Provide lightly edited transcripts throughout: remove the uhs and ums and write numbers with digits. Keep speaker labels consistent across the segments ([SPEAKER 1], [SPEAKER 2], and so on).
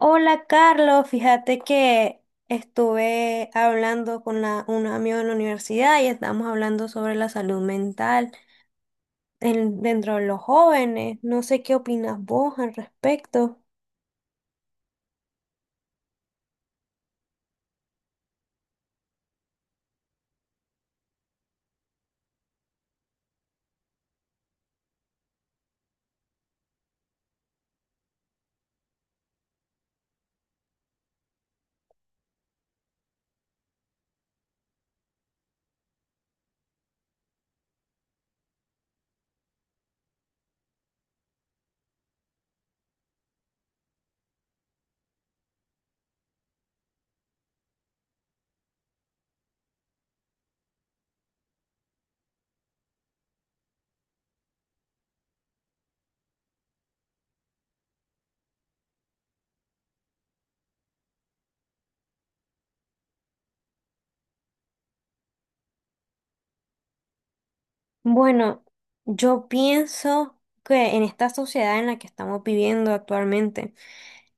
[SPEAKER 1] Hola Carlos, fíjate que estuve hablando con un amigo en la universidad y estamos hablando sobre la salud mental dentro de los jóvenes. No sé qué opinas vos al respecto. Bueno, yo pienso que en esta sociedad en la que estamos viviendo actualmente,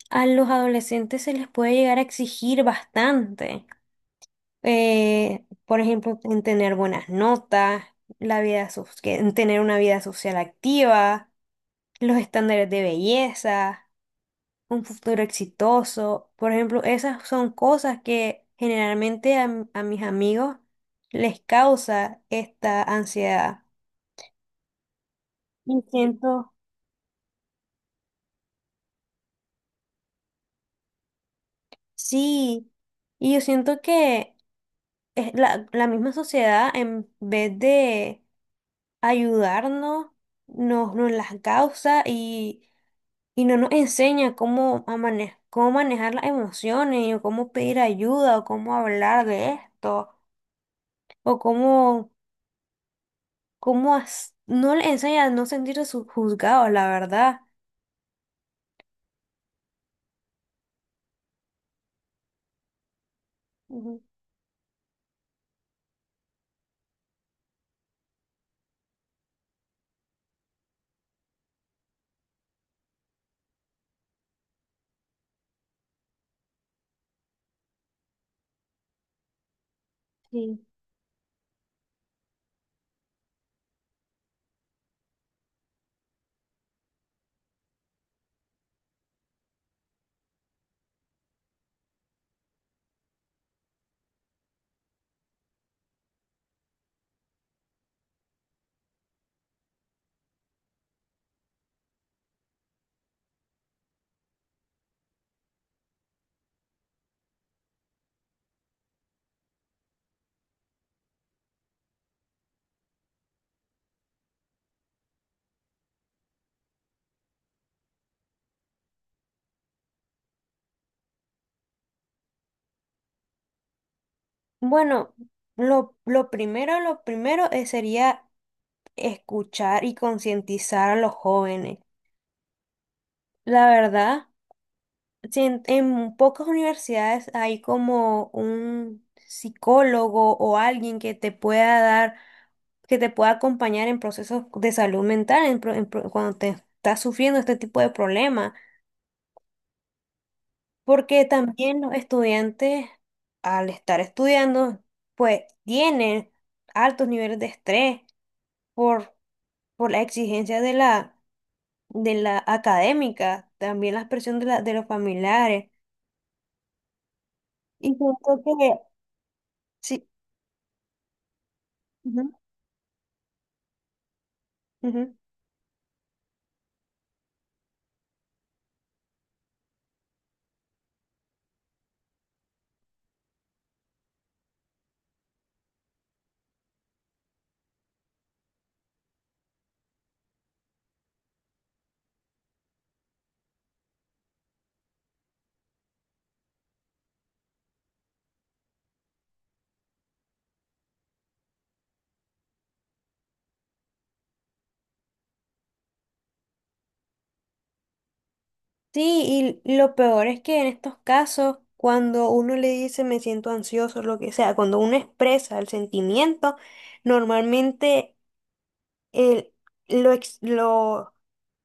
[SPEAKER 1] a los adolescentes se les puede llegar a exigir bastante. Por ejemplo, en tener buenas notas, la vida so- que- en tener una vida social activa, los estándares de belleza, un futuro exitoso. Por ejemplo, esas son cosas que generalmente a mis amigos les causa esta ansiedad. Y siento, sí, y yo siento que es la misma sociedad, en vez de ayudarnos, nos las causa, y no nos enseña cómo, cómo manejar las emociones, o cómo pedir ayuda, o cómo hablar de esto, o cómo, no le enseña a no sentirse juzgados, la verdad. Ujú. Sí. Bueno, lo primero sería escuchar y concientizar a los jóvenes. La verdad. Sí, en pocas universidades hay como un psicólogo o alguien que te pueda dar, que te pueda acompañar en procesos de salud mental, cuando te estás sufriendo este tipo de problemas, porque también los estudiantes, al estar estudiando, pues tienen altos niveles de estrés por la exigencia de de la académica, también la presión de, la, de los familiares. Y siento que sí. Ujú. Sí, y lo peor es que en estos casos, cuando uno le dice me siento ansioso, lo que sea, cuando uno expresa el sentimiento, normalmente el- lo, ex- lo,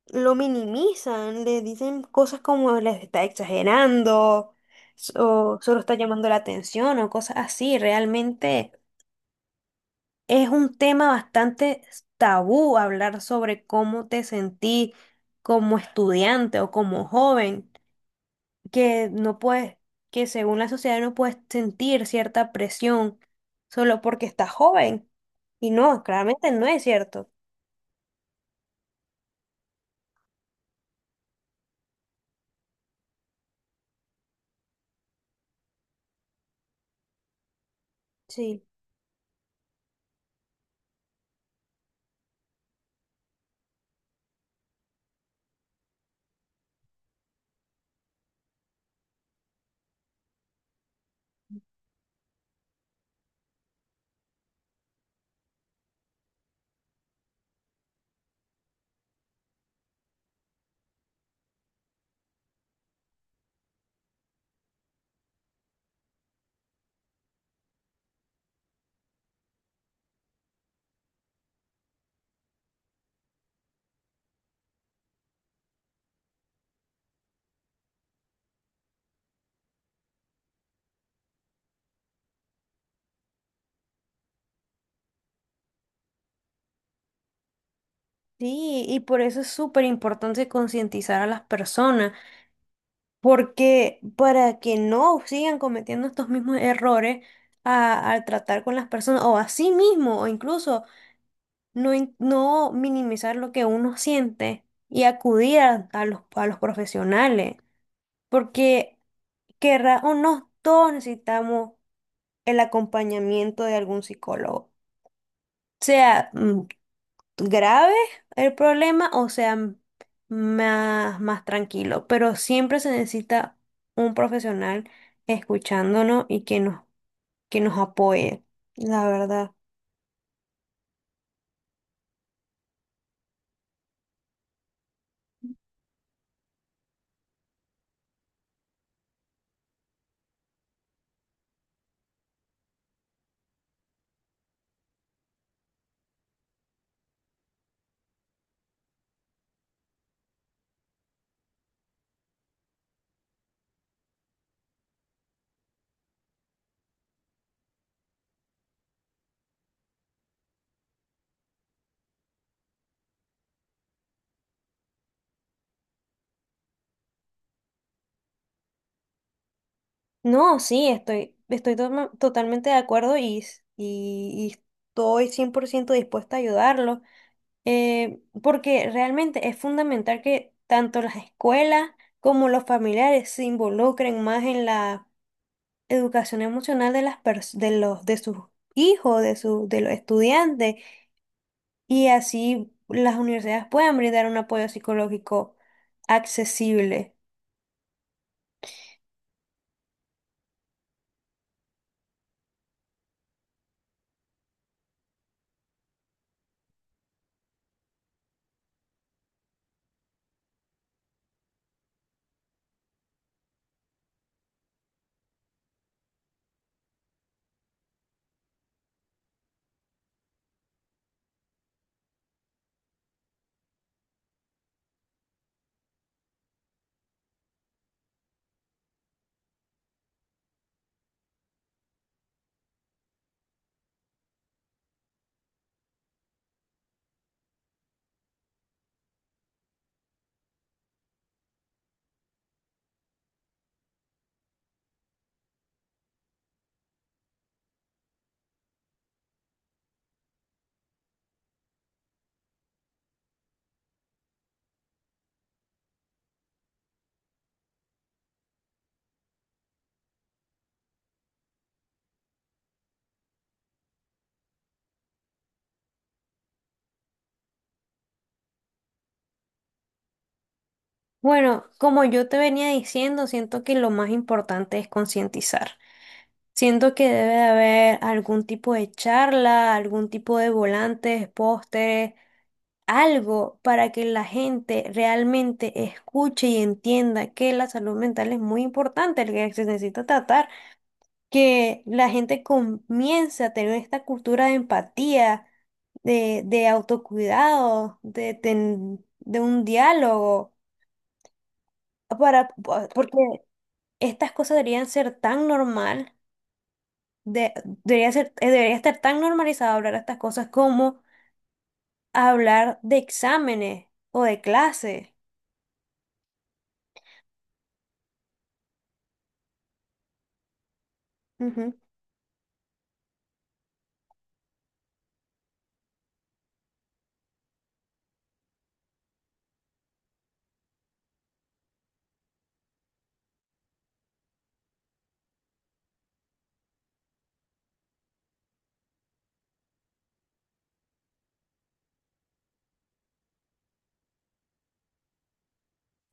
[SPEAKER 1] lo minimizan, le dicen cosas como les está exagerando, o solo está llamando la atención, o cosas así. Realmente es un tema bastante tabú hablar sobre cómo te sentí como estudiante o como joven. Que no puedes, que según la sociedad no puedes sentir cierta presión solo porque estás joven. Y no, claramente no es cierto. Sí. Sí, y por eso es súper importante concientizar a las personas, porque para que no sigan cometiendo estos mismos errores al tratar con las personas, o a sí mismo, o incluso no, no minimizar lo que uno siente, y acudir a los profesionales. Porque querrá o no, todos necesitamos el acompañamiento de algún psicólogo. Sea grave el problema, o sea más, más tranquilo, pero siempre se necesita un profesional escuchándonos y que nos apoye, la verdad. No, sí, estoy totalmente de acuerdo, y estoy 100% dispuesta a ayudarlo. Eh, porque realmente es fundamental que tanto las escuelas como los familiares se involucren más en la educación emocional de las pers- de los de sus hijos, de los estudiantes, y así las universidades puedan brindar un apoyo psicológico accesible. Bueno, como yo te venía diciendo, siento que lo más importante es concientizar. Siento que debe de haber algún tipo de charla, algún tipo de volantes, pósteres, algo para que la gente realmente escuche y entienda que la salud mental es muy importante, que se necesita tratar, que la gente comience a tener esta cultura de empatía, de autocuidado, de un diálogo, para, porque estas cosas deberían ser tan normal, de- debería ser, debería estar tan normalizado hablar estas cosas como hablar de exámenes o de clases.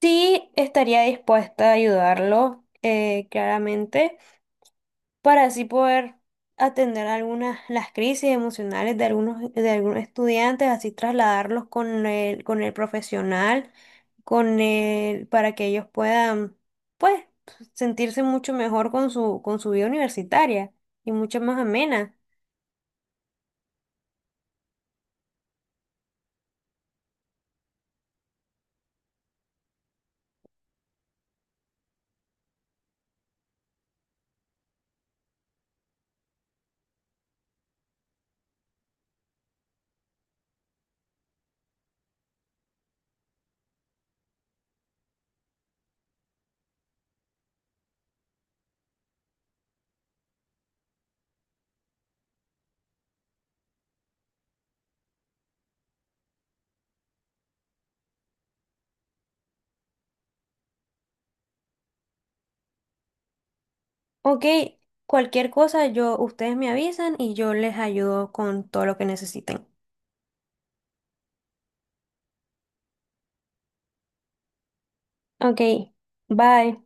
[SPEAKER 1] Sí, estaría dispuesta a ayudarlo, claramente, para así poder atender algunas las crisis emocionales de algunos estudiantes, así trasladarlos con el profesional, con el, para que ellos puedan, pues, sentirse mucho mejor con su vida universitaria y mucho más amena. Ok, cualquier cosa yo ustedes me avisan y yo les ayudo con todo lo que necesiten. Ok, bye.